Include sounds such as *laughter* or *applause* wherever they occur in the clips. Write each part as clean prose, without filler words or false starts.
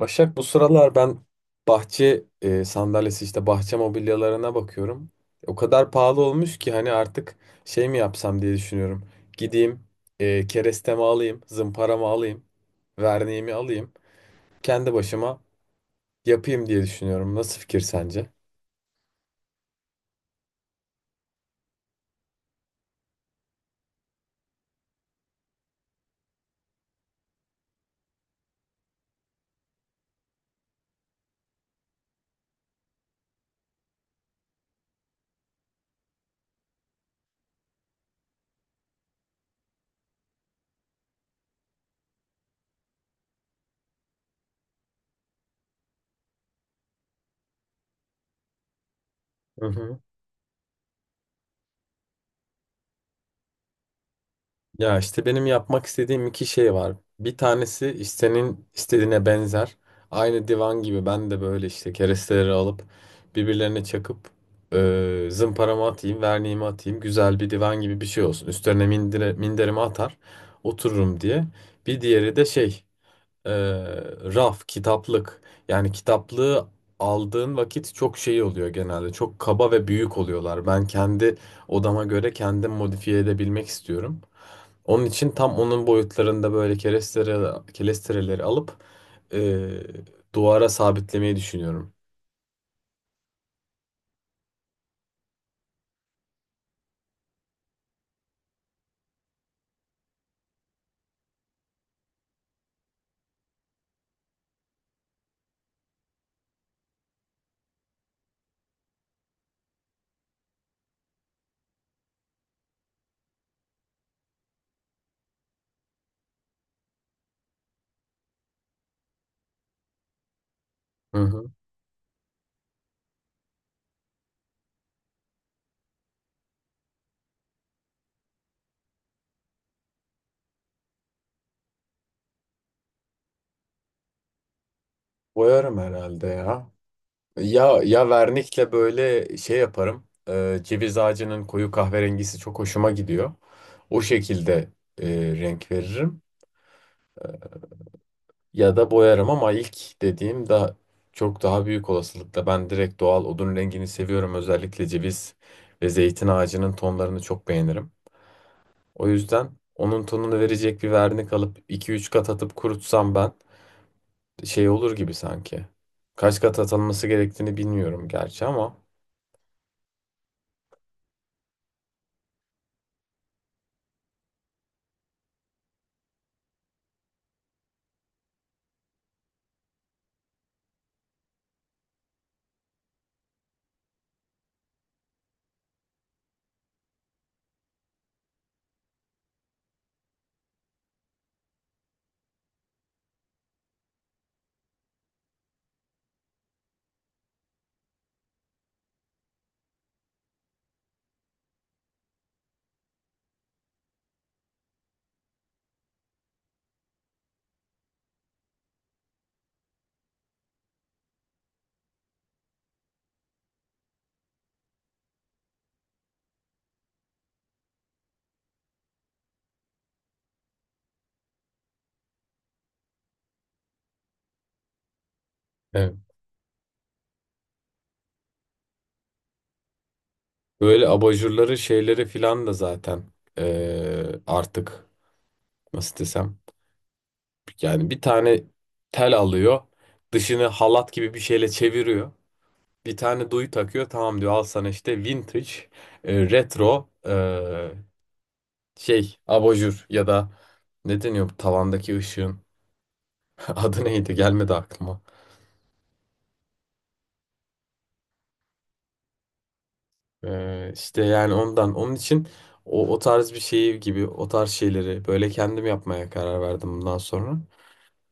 Başak, bu sıralar ben bahçe sandalyesi, işte bahçe mobilyalarına bakıyorum. O kadar pahalı olmuş ki hani artık şey mi yapsam diye düşünüyorum. Gideyim, kerestemi alayım, zımparamı alayım, verniğimi alayım. Kendi başıma yapayım diye düşünüyorum. Nasıl fikir sence? Hı hı. Ya işte benim yapmak istediğim iki şey var. Bir tanesi işte senin istediğine benzer. Aynı divan gibi ben de böyle işte keresteleri alıp birbirlerine çakıp zımparamı atayım, verniğimi atayım. Güzel bir divan gibi bir şey olsun. Üstlerine minderimi atar, otururum diye. Bir diğeri de şey, e, raf, kitaplık. Yani kitaplığı aldığın vakit çok şey oluyor genelde. Çok kaba ve büyük oluyorlar. Ben kendi odama göre kendim modifiye edebilmek istiyorum. Onun için tam onun boyutlarında böyle kerestereleri alıp eee, duvara sabitlemeyi düşünüyorum. Hı hı. Boyarım herhalde ya. Ya ya vernikle böyle şey yaparım. Ceviz ağacının koyu kahverengisi çok hoşuma gidiyor. O şekilde renk veririm. Ya da boyarım ama ilk dediğim daha çok daha büyük olasılıkla ben direkt doğal odun rengini seviyorum. Özellikle ceviz ve zeytin ağacının tonlarını çok beğenirim. O yüzden onun tonunu verecek bir vernik alıp iki üç kat atıp kurutsam ben şey olur gibi sanki. Kaç kat atılması gerektiğini bilmiyorum gerçi ama evet. Böyle abajurları şeyleri filan da zaten artık nasıl desem, yani bir tane tel alıyor, dışını halat gibi bir şeyle çeviriyor. Bir tane duyu takıyor, tamam diyor, al sana işte vintage, retro, şey abajur ya da ne deniyor bu tavandaki ışığın *laughs* adı neydi? Gelmedi aklıma. İşte yani ondan. Onun için o tarz bir şey gibi, o tarz şeyleri böyle kendim yapmaya karar verdim bundan sonra.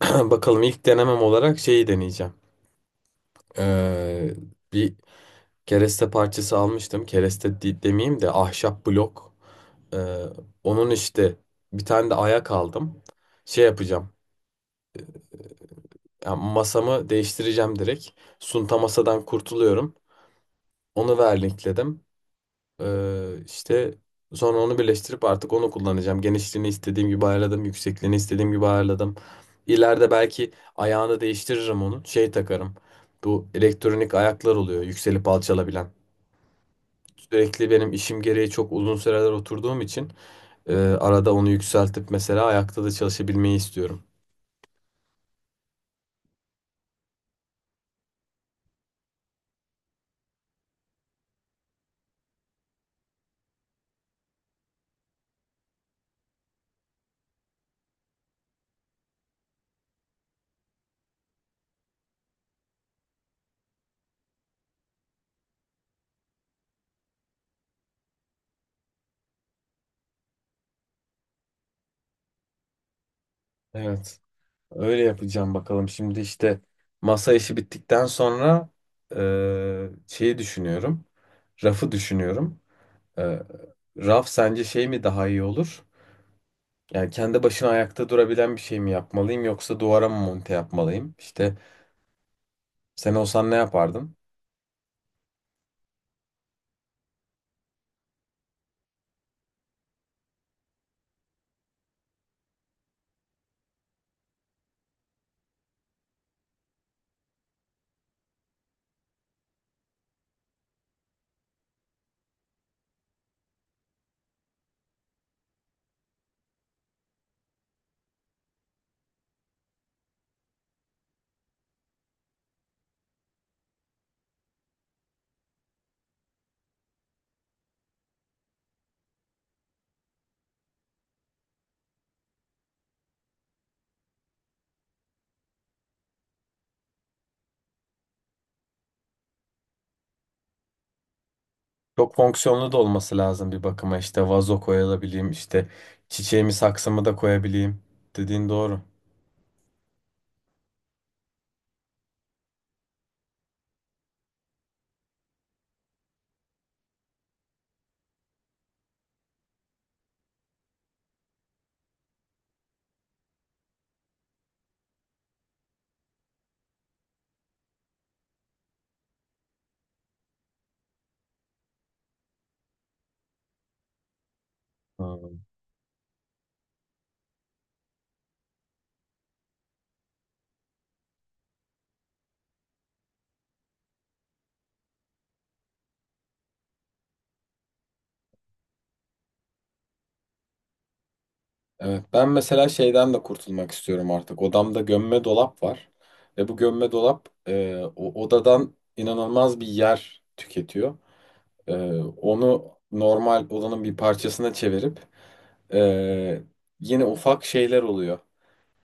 *clears throat* Bakalım, ilk denemem olarak şeyi deneyeceğim. Ee, Bir kereste parçası almıştım. Demeyeyim de ahşap blok. Ee, Onun işte bir tane de ayak aldım. Şey yapacağım. Yani masamı değiştireceğim direkt. Sunta masadan kurtuluyorum. Onu vernikledim. İşte sonra onu birleştirip artık onu kullanacağım. Genişliğini istediğim gibi ayarladım. Yüksekliğini istediğim gibi ayarladım. İleride belki ayağını değiştiririm onun. Şey takarım. Bu elektronik ayaklar oluyor. Yükselip alçalabilen. Sürekli benim işim gereği çok uzun süreler oturduğum için arada onu yükseltip mesela ayakta da çalışabilmeyi istiyorum. Evet. Öyle yapacağım bakalım. Şimdi işte masa işi bittikten sonra şeyi düşünüyorum. Rafı düşünüyorum. Ee, Raf sence şey mi daha iyi olur? Yani kendi başına ayakta durabilen bir şey mi yapmalıyım, yoksa duvara mı monte yapmalıyım? İşte sen olsan ne yapardın? Çok fonksiyonlu da olması lazım bir bakıma. İşte vazo koyabileyim, işte çiçeğimi saksımı da koyabileyim. Dediğin doğru. Hmm. Evet, ben mesela şeyden de kurtulmak istiyorum artık. Odamda gömme dolap var ve bu gömme dolap, o odadan inanılmaz bir yer tüketiyor. Ee, Onu normal odanın bir parçasına çevirip ee, yine ufak şeyler oluyor.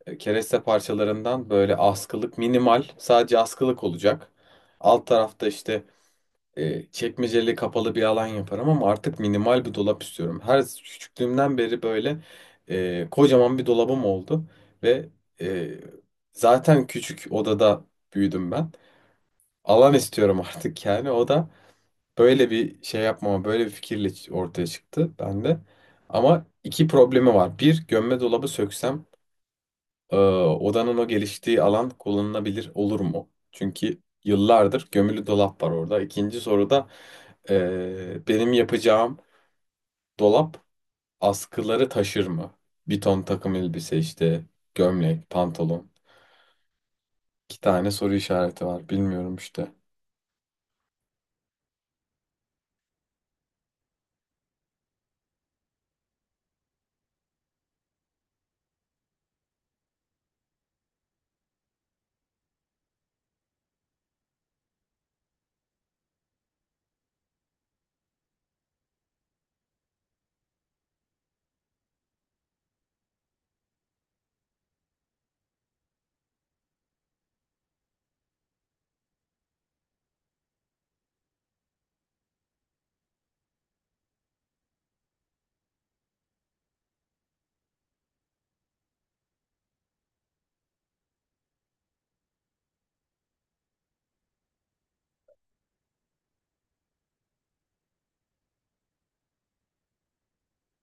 Kereste parçalarından böyle askılık, minimal, sadece askılık olacak. Alt tarafta işte çekmeceli kapalı bir alan yaparım ama artık minimal bir dolap istiyorum. Her küçüklüğümden beri böyle kocaman bir dolabım oldu ve ee, zaten küçük odada büyüdüm ben. Alan istiyorum *laughs* artık, yani o da böyle bir şey yapmama, böyle bir fikirle ortaya çıktı bende. Ama iki problemi var. Bir, gömme dolabı söksem odanın o geliştiği alan kullanılabilir olur mu? Çünkü yıllardır gömülü dolap var orada. İkinci soruda benim yapacağım dolap askıları taşır mı? Bir ton takım elbise işte, gömlek, pantolon. İki tane soru işareti var. Bilmiyorum işte.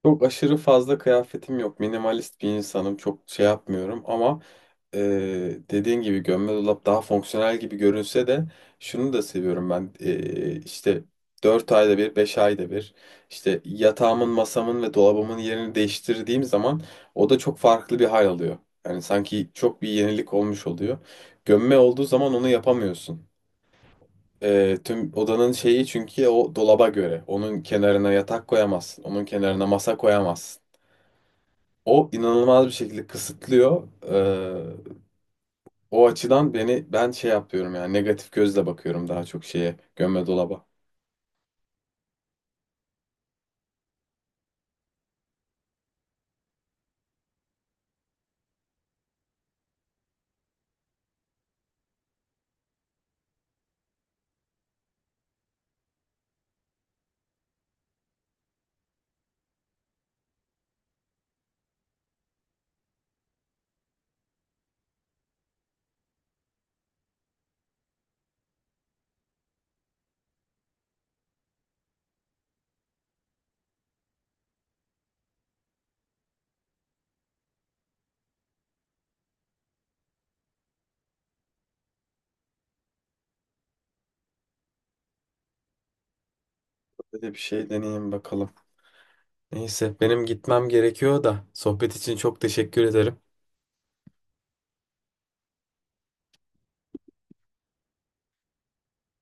Çok aşırı fazla kıyafetim yok. Minimalist bir insanım. Çok şey yapmıyorum ama e, dediğin gibi gömme dolap daha fonksiyonel gibi görünse de şunu da seviyorum ben. E, işte 4 ayda bir, 5 ayda bir, işte yatağımın, masamın ve dolabımın yerini değiştirdiğim zaman o da çok farklı bir hal alıyor. Yani sanki çok bir yenilik olmuş oluyor. Gömme olduğu zaman onu yapamıyorsun. E, tüm odanın şeyi çünkü o dolaba göre. Onun kenarına yatak koyamazsın. Onun kenarına masa koyamazsın. O inanılmaz bir şekilde kısıtlıyor. O açıdan beni ben şey yapıyorum, yani negatif gözle bakıyorum daha çok şeye, gömme dolaba. Böyle bir şey deneyeyim bakalım. Neyse, benim gitmem gerekiyor da sohbet için çok teşekkür ederim.